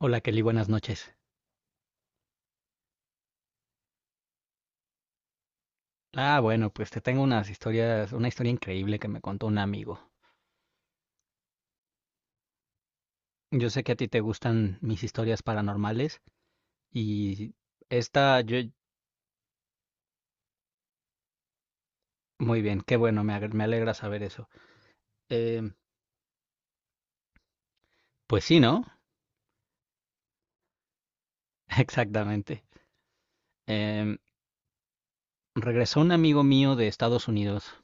Hola Kelly, buenas noches. Bueno, pues te tengo una historia increíble que me contó un amigo. Yo sé que a ti te gustan mis historias paranormales y esta, yo, muy bien, qué bueno, me alegra saber eso. Em, pues sí, ¿no? Exactamente. Em, Regresó un amigo mío de Estados Unidos.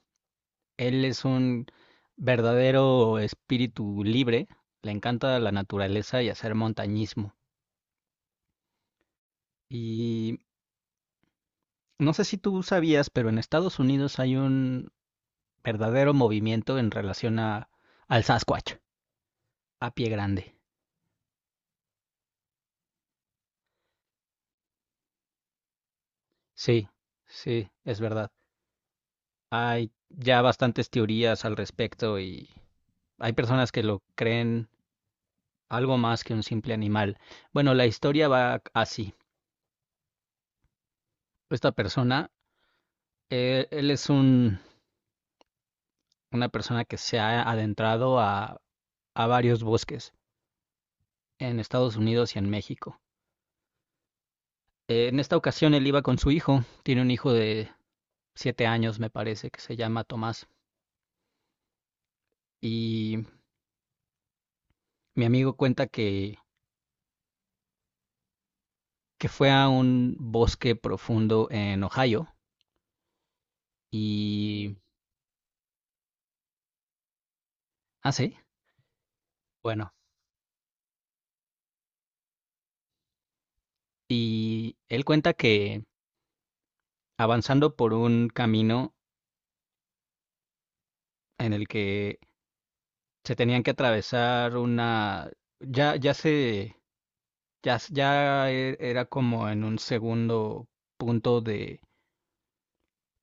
Él es un verdadero espíritu libre, le encanta la naturaleza y hacer montañismo. Y no sé si tú sabías, pero en Estados Unidos hay verdadero movimiento en relación al Sasquatch, a pie grande. Sí, sí, es verdad. Hay ya bastantes teorías al respecto y hay personas que lo creen algo más que un simple animal. Bueno, la historia va así. Esta persona, eh, él es un, una persona que se ha adentrado a varios bosques en Estados Unidos y en México. En esta ocasión él iba con su hijo, tiene un hijo de 7 años me parece, que se llama Tomás. Y mi amigo que fue a un bosque profundo en Ohio y... Ah, sí, bueno. Y él cuenta que avanzando por un camino en el que se tenían que atravesar una... Ya, ya se... era como en un segundo punto de...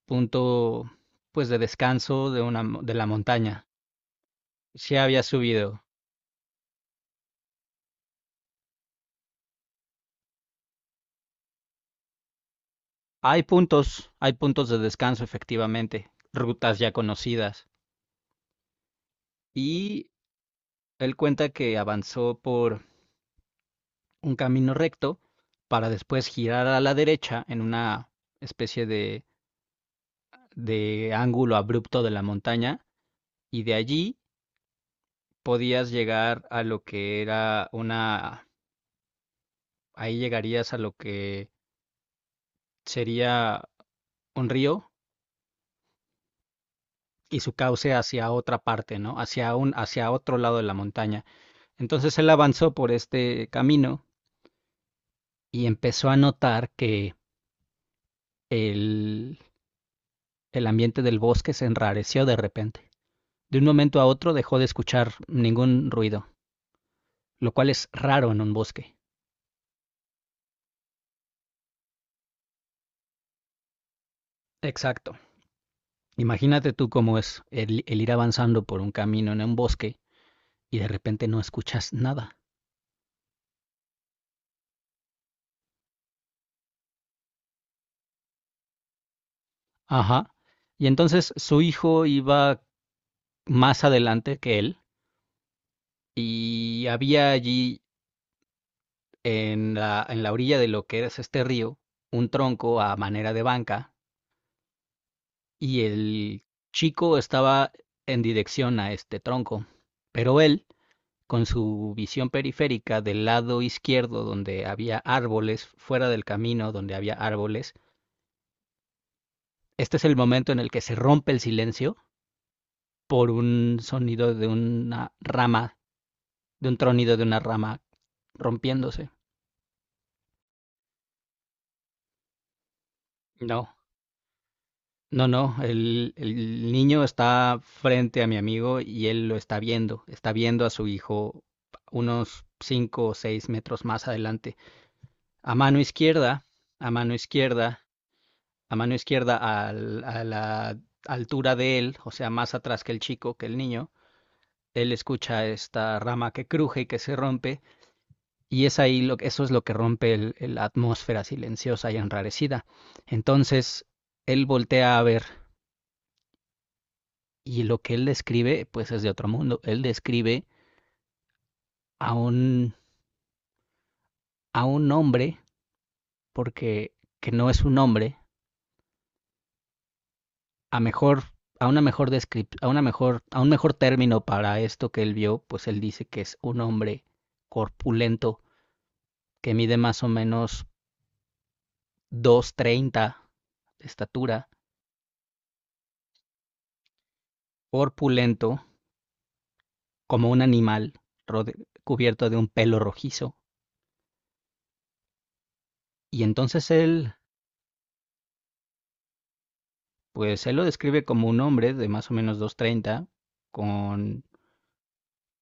punto pues de descanso de una de la montaña. Se había subido. Hay puntos de descanso efectivamente, rutas ya conocidas. Y él cuenta que avanzó por un camino recto para después girar a la derecha en una especie de, de ángulo abrupto de la montaña y de allí podías llegar a lo que era una... ahí llegarías a lo que sería un río y su cauce hacia otra parte, ¿no? Hacia otro lado de la montaña. Entonces él avanzó por este camino y empezó a notar que el, el ambiente del bosque se enrareció de repente. De un momento a otro dejó de escuchar ningún ruido, lo cual es raro en un bosque. Exacto. Imagínate tú cómo es el ir avanzando por un camino en un bosque y de repente no escuchas nada. Ajá. Y entonces su hijo iba más adelante que él y había allí en en la orilla de lo que es este río un tronco a manera de banca y el chico estaba en dirección a este tronco, pero él, con su visión periférica del lado izquierdo donde había árboles, fuera del camino donde había árboles, este es el momento en el que se rompe el silencio por un sonido de una rama, de un tronido de una rama rompiéndose. No, no, no, el niño está frente a mi amigo y él lo está viendo a su hijo unos 5 o 6 metros más adelante. A mano izquierda, a mano izquierda, a mano izquierda a la altura de él, o sea, más atrás que el chico, que el niño, él escucha esta rama que cruje y que se rompe, y es eso es lo que rompe la atmósfera silenciosa y enrarecida. Entonces, él voltea a ver y lo que él describe, pues es de otro mundo. Él describe a a un hombre, porque que no es un hombre, a mejor, a un mejor término para esto que él vio, pues él dice que es un hombre corpulento, que mide más o menos 2,30 de estatura, corpulento, como un animal, cubierto de un pelo rojizo. Y entonces él, pues él lo describe como un hombre de más o menos dos treinta con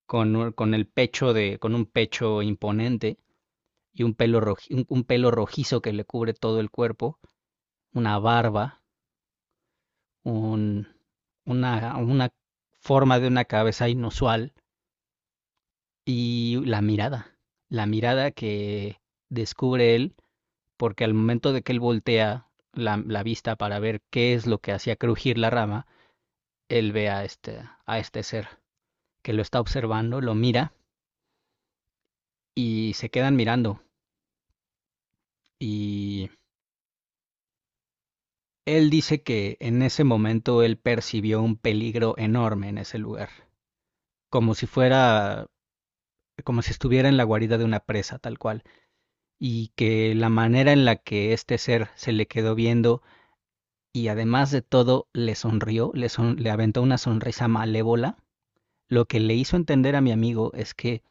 con el con un pecho imponente y un un pelo rojizo que le cubre todo el cuerpo, una barba, un, una forma de una cabeza inusual y la mirada que descubre él, porque al momento de que él voltea la vista para ver qué es lo que hacía crujir la rama, él ve a a este ser que lo está observando, lo mira y se quedan mirando. Y Él dice que en ese momento él percibió un peligro enorme en ese lugar, como si fuera, como si estuviera en la guarida de una presa tal cual, y que la manera en la que este ser se le quedó viendo y además de todo le sonrió, le aventó una sonrisa malévola. Lo que le hizo entender a mi amigo es que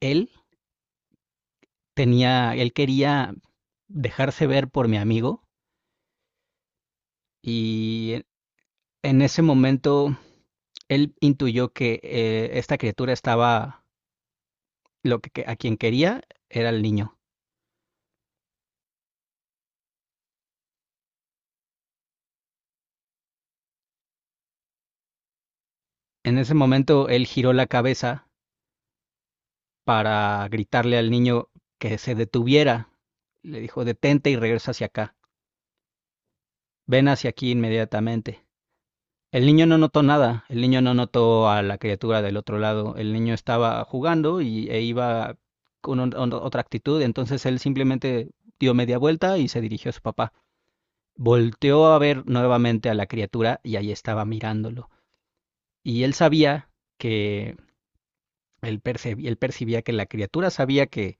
él él quería dejarse ver por mi amigo. Y en ese momento él intuyó que esta criatura estaba, lo que, a quien quería era el niño. En ese momento él giró la cabeza para gritarle al niño que se detuviera. Le dijo, detente y regresa hacia acá. Ven hacia aquí inmediatamente. El niño no notó nada, el niño no notó a la criatura del otro lado. El niño estaba jugando y, e iba con otra actitud, entonces él simplemente dio media vuelta y se dirigió a su papá. Volteó a ver nuevamente a la criatura y ahí estaba mirándolo. Y él sabía que él percibía que la criatura sabía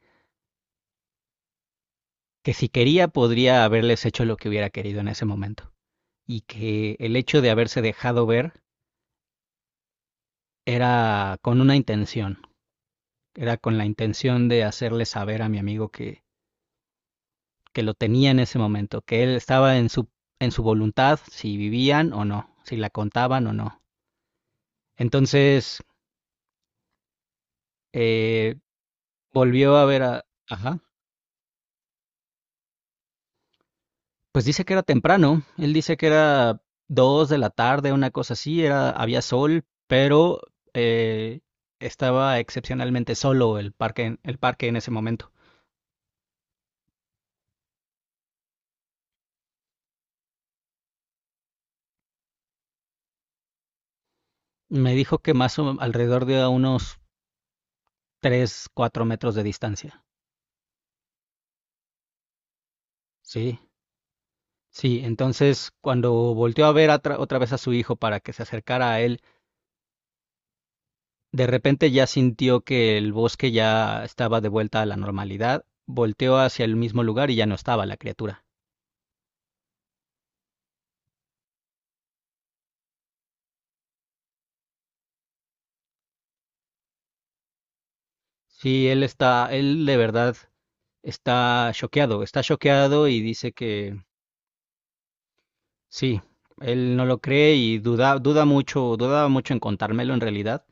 que si quería podría haberles hecho lo que hubiera querido en ese momento y que el hecho de haberse dejado ver era con una intención, era con la intención de hacerle saber a mi amigo que lo tenía en ese momento, que él estaba en su voluntad si vivían o no, si la contaban o no. Entonces eh, volvió a ver a... Ajá. Pues dice que era temprano, él dice que era 2 de la tarde, una cosa así, era, había sol, pero eh, estaba excepcionalmente solo el parque, el parque en ese momento. Me dijo que más o alrededor de unos 3, 4 metros de distancia. Sí, sí, entonces cuando volteó a ver otra vez a su hijo para que se acercara a él, de repente ya sintió que el bosque ya estaba de vuelta a la normalidad, volteó hacia el mismo lugar y ya no estaba la criatura. Sí, él de verdad está choqueado y dice que sí, él no lo cree y duda, duda mucho, dudaba mucho en contármelo en realidad.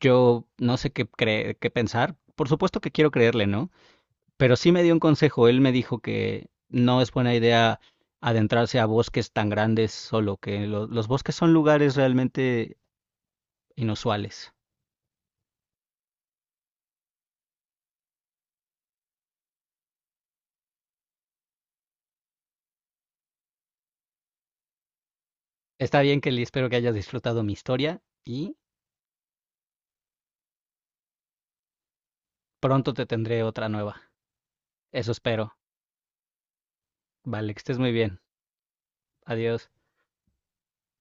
Yo no sé qué pensar. Por supuesto que quiero creerle, ¿no? Pero sí me dio un consejo. Él me dijo que no es buena idea adentrarse a bosques tan grandes solo, que los bosques son lugares realmente inusuales. Está bien, Kelly, espero que hayas disfrutado mi historia y pronto te tendré otra nueva. Eso espero. Vale, que estés muy bien. Adiós.